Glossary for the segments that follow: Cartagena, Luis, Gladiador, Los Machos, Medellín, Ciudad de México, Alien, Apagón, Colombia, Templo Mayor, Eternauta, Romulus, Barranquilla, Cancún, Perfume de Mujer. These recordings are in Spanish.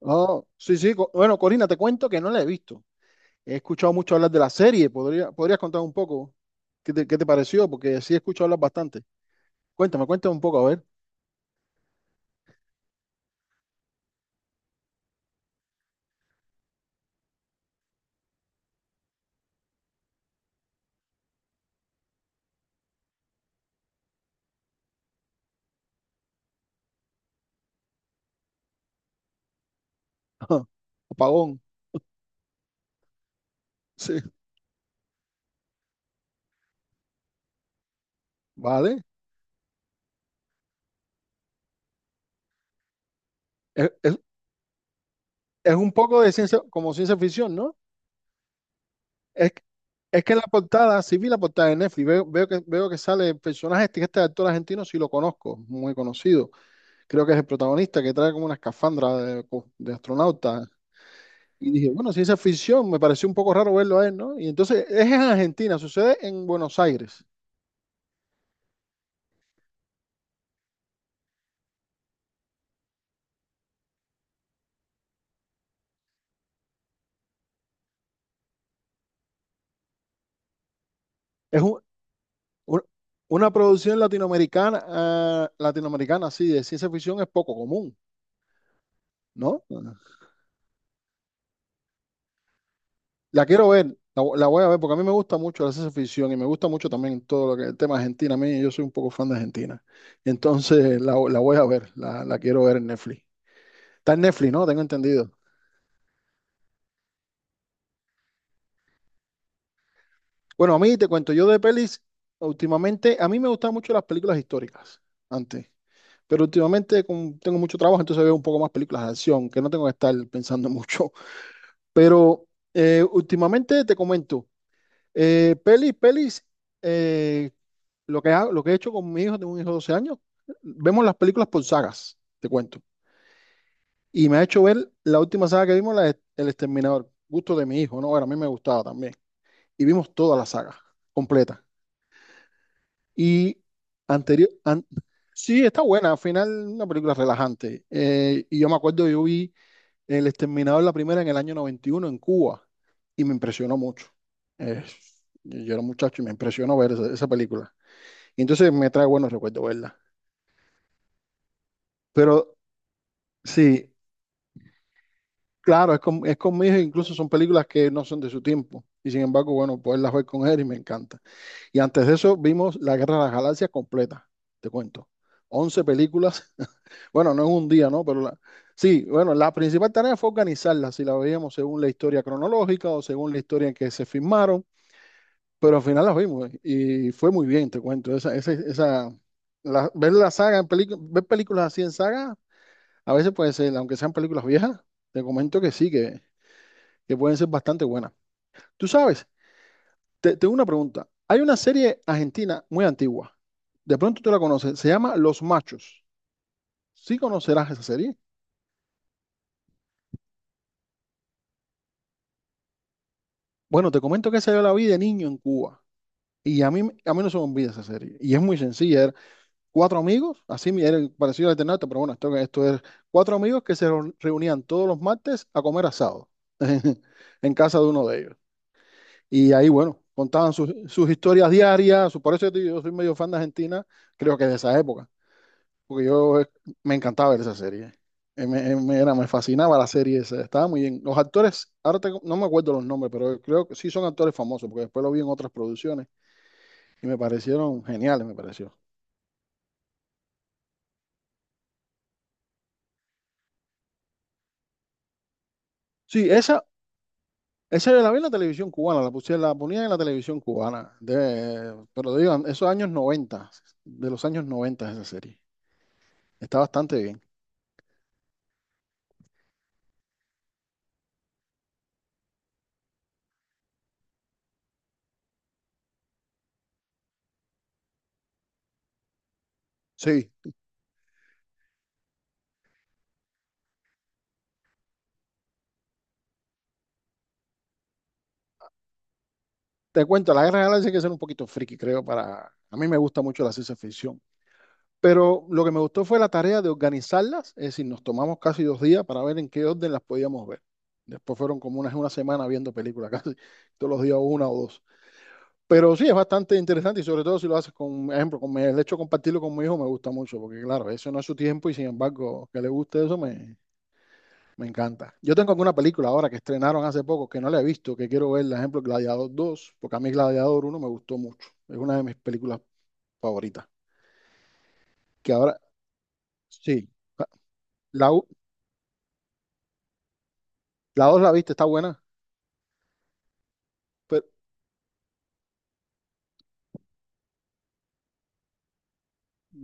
Oh, sí, sí. Bueno, Corina, te cuento que no la he visto. He escuchado mucho hablar de la serie. ¿Podrías contar un poco qué te pareció? Porque sí he escuchado hablar bastante. Cuéntame, cuéntame un poco, a ver. Apagón. Sí, vale. Es, es- es un poco de ciencia, como ciencia ficción, ¿no? Es, que- es que en la portada, sí vi la portada de Netflix, veo que sale el personaje, este actor argentino, sí lo conozco, muy conocido. Creo que es el protagonista que trae como una escafandra de astronauta. Y dije, bueno, si es afición, me pareció un poco raro verlo a él, ¿no? Y entonces es en Argentina, sucede en Buenos Aires. Es un- un- una producción latinoamericana, así, de ciencia ficción es poco común, ¿no? La quiero ver, la voy a ver, porque a mí me gusta mucho la ciencia ficción y me gusta mucho también todo lo que el tema Argentina. A mí, yo soy un poco fan de Argentina. Entonces la voy a ver, la quiero ver en Netflix. Está en Netflix, ¿no? Tengo entendido. Bueno, a mí te cuento, yo de pelis, últimamente, a mí me gustan mucho las películas históricas, antes. Pero últimamente como tengo mucho trabajo, entonces veo un poco más películas de acción, que no tengo que estar pensando mucho. Pero últimamente te comento, pelis, pelis, eh, lo que hago- lo que he hecho con mi hijo, tengo un hijo de 12 años, vemos las películas por sagas, te cuento. Y me ha hecho ver la última saga que vimos, la de El Exterminador, gusto de mi hijo, ¿no? Bueno, a mí me gustaba también. Y vimos toda la saga completa. Y anterior, an- sí, está buena, al final una película relajante. Y yo me acuerdo, yo vi El Exterminador, la primera en el año 91 en Cuba, y me impresionó mucho. Eh, yo era un muchacho y me impresionó ver esa, esa película. Y entonces me trae buenos recuerdos verla. Pero sí, claro, es con mi hijo, incluso son películas que no son de su tiempo. Y sin embargo, bueno, poderlas ver con él y me encanta. Y antes de eso vimos La Guerra de las Galaxias completa, te cuento. 11 películas. Bueno, no en un día, ¿no? Sí, bueno, la principal tarea fue organizarlas, si la veíamos según la historia cronológica o según la historia en que se filmaron, pero al final las vimos y fue muy bien, te cuento. Ver la saga en películas, ver películas así en saga, a veces puede ser, aunque sean películas viejas, te comento que sí, que pueden ser bastante buenas. Tú sabes, tengo una pregunta. Hay una serie argentina muy antigua. De pronto tú la conoces. Se llama Los Machos. ¿Sí conocerás esa serie? Bueno, te comento que esa yo la vi de niño en Cuba. Y a mí no se me olvida esa serie. Y es muy sencilla. Eran cuatro amigos, era parecido al Eternauta, pero bueno, esto es cuatro amigos que se reunían todos los martes a comer asado en casa de uno de ellos. Y ahí, bueno, contaban sus historias diarias. Por eso yo te digo, yo soy medio fan de Argentina, creo que de esa época. Porque yo me encantaba ver esa serie. Me fascinaba la serie esa, estaba muy bien. Los actores, ahora no me acuerdo los nombres, pero creo que sí son actores famosos, porque después lo vi en otras producciones y me parecieron geniales, me pareció. Sí, esa yo la vi en la televisión cubana, la puse, la ponía en la televisión cubana, pero digan, esos años 90, de los años 90 esa serie. Está bastante bien. Sí, te cuento, la guerra de las Galaxias hay que ser un poquito friki, creo, para... A mí me gusta mucho la ciencia ficción. Pero lo que me gustó fue la tarea de organizarlas, es decir, nos tomamos casi 2 días para ver en qué orden las podíamos ver. Después fueron como unas una semana viendo películas casi, todos los días una o dos. Pero sí, es bastante interesante y sobre todo si lo haces con, ejemplo, el hecho de compartirlo con mi hijo me gusta mucho, porque claro, eso no es su tiempo y sin embargo que le guste eso me, me encanta. Yo tengo alguna película ahora que estrenaron hace poco que no la he visto, que quiero ver, por ejemplo, Gladiador dos, porque a mí Gladiador uno me gustó mucho, es una de mis películas favoritas. Que ahora, sí, la, La 2 la viste, está buena, pero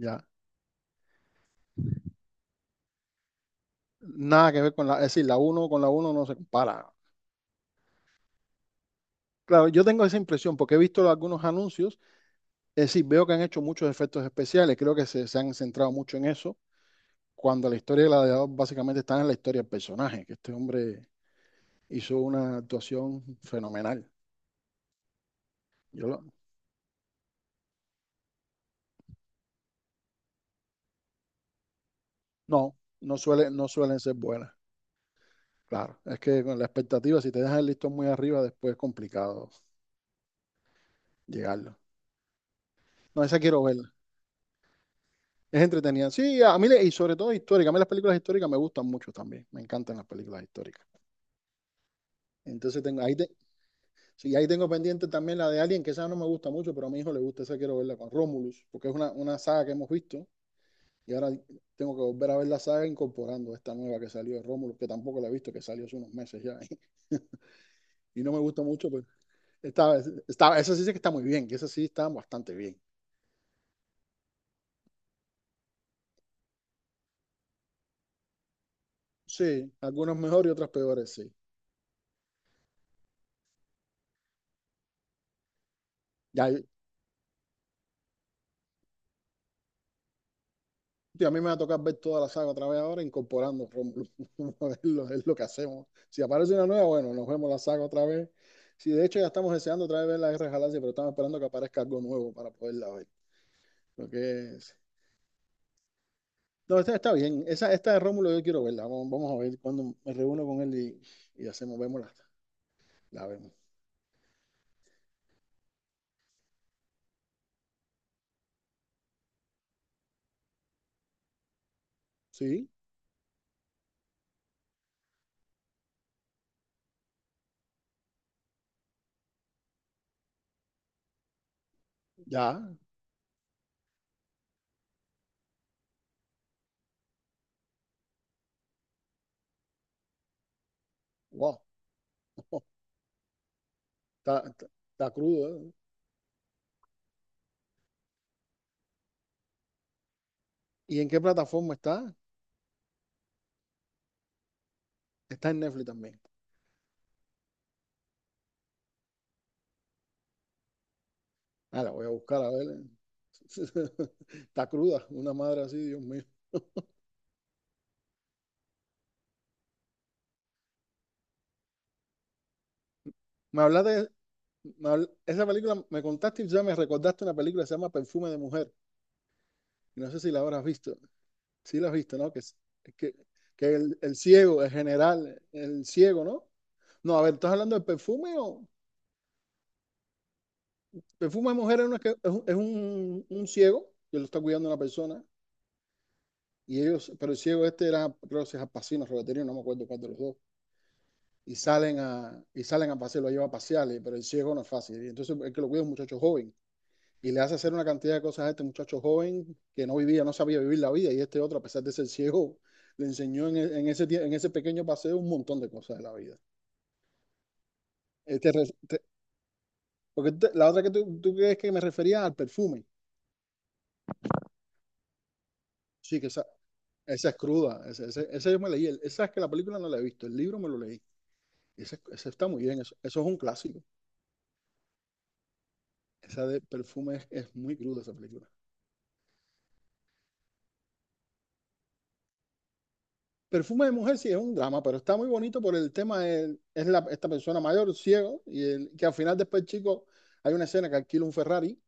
ya, nada que ver con la, es decir, la uno con la uno no se compara. Claro, yo tengo esa impresión porque he visto algunos anuncios, es decir, veo que han hecho muchos efectos especiales, creo que se han centrado mucho en eso, cuando la historia de Gladiador básicamente está en la historia del personaje, que este hombre hizo una actuación fenomenal. Yo lo- no, no suelen ser buenas, claro, es que con la expectativa, si te dejas el listón muy arriba, después es complicado llegarlo. No, esa quiero ver. Es entretenida. Sí, a mí, y sobre todo histórica. A mí las películas históricas me gustan mucho también. Me encantan las películas históricas. Entonces sí, ahí tengo pendiente también la de Alien, que esa no me gusta mucho, pero a mi hijo le gusta, esa quiero verla con Romulus, porque es una saga que hemos visto. Y ahora tengo que volver a ver la saga incorporando esta nueva que salió de Romulus, que tampoco la he visto, que salió hace unos meses ya. Y no me gusta mucho, pero esta, esa sí sé que está muy bien, que esa sí está bastante bien. Sí, algunas mejor y otras peores, sí. Ya, tío, a mí me va a tocar ver toda la saga otra vez ahora, incorporando Rómulo. Vamos a verlo, es lo que hacemos. Si aparece una nueva, bueno, nos vemos la saga otra vez. Si de hecho ya estamos deseando otra vez ver la Guerra de Galaxia, pero estamos esperando que aparezca algo nuevo para poderla ver. Lo que es... No, esta está bien. Esa, esta de Rómulo yo quiero verla. Vamos, vamos a ver cuando me reúno con él y hacemos, vemos la vemos. Sí, ya. Wow. Oh, Está, está, está crudo, ¿eh? ¿Y en qué plataforma está? Está en Netflix también. Ah, la voy a buscar a ver. Está cruda, una madre así, Dios mío. Me hablaste, esa película, me contaste y ya me recordaste una película que se llama Perfume de Mujer. Y no sé si la habrás visto. Sí la has visto, ¿no? Que, que el ciego, el general, el ciego, ¿no? No, a ver, ¿estás hablando de perfume o...? Perfume de Mujer es, una que- es un ciego que lo está cuidando una persona. Y ellos, pero el ciego este era, creo que se es Alpacino, Roberterio, no me acuerdo cuál de los dos y salen a pasear, lo lleva a pasear, pero el ciego no es fácil. Y entonces el que lo cuida es un muchacho joven. Y le hace hacer una cantidad de cosas a este muchacho joven que no vivía, no sabía vivir la vida, y este otro, a pesar de ser ciego, le enseñó en ese pequeño paseo un montón de cosas de la vida. Este, te- porque la otra que tú crees que me refería al perfume, sí, que esa es cruda, esa yo me leí, esa es que la película no la he visto, el libro me lo leí, esa está muy bien, eso es un clásico, esa de perfume es, muy cruda esa película. Perfume de mujer sí es un drama, pero está muy bonito por el tema de, esta persona mayor, ciego, que al final después, chico, hay una escena que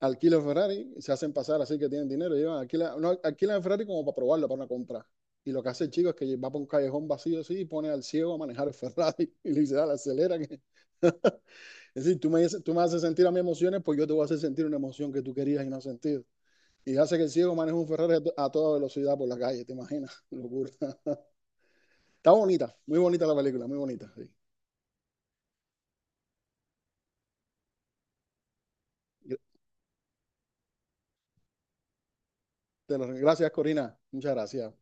alquila un Ferrari, y se hacen pasar así que tienen dinero, llevan, alquila, no, alquilan el Ferrari como para probarlo, para una compra. Y lo que hace el chico es que va por un callejón vacío así y pone al ciego a manejar el Ferrari y le dice, dale, acelera. Es decir, tú me haces sentir a mis emociones, pues yo te voy a hacer sentir una emoción que tú querías y no has sentido. Y hace que el ciego maneje un Ferrari a toda velocidad por la calle, ¿te imaginas? Locura. Está bonita, muy bonita la película, muy bonita, sí. Gracias, Corina. Muchas gracias.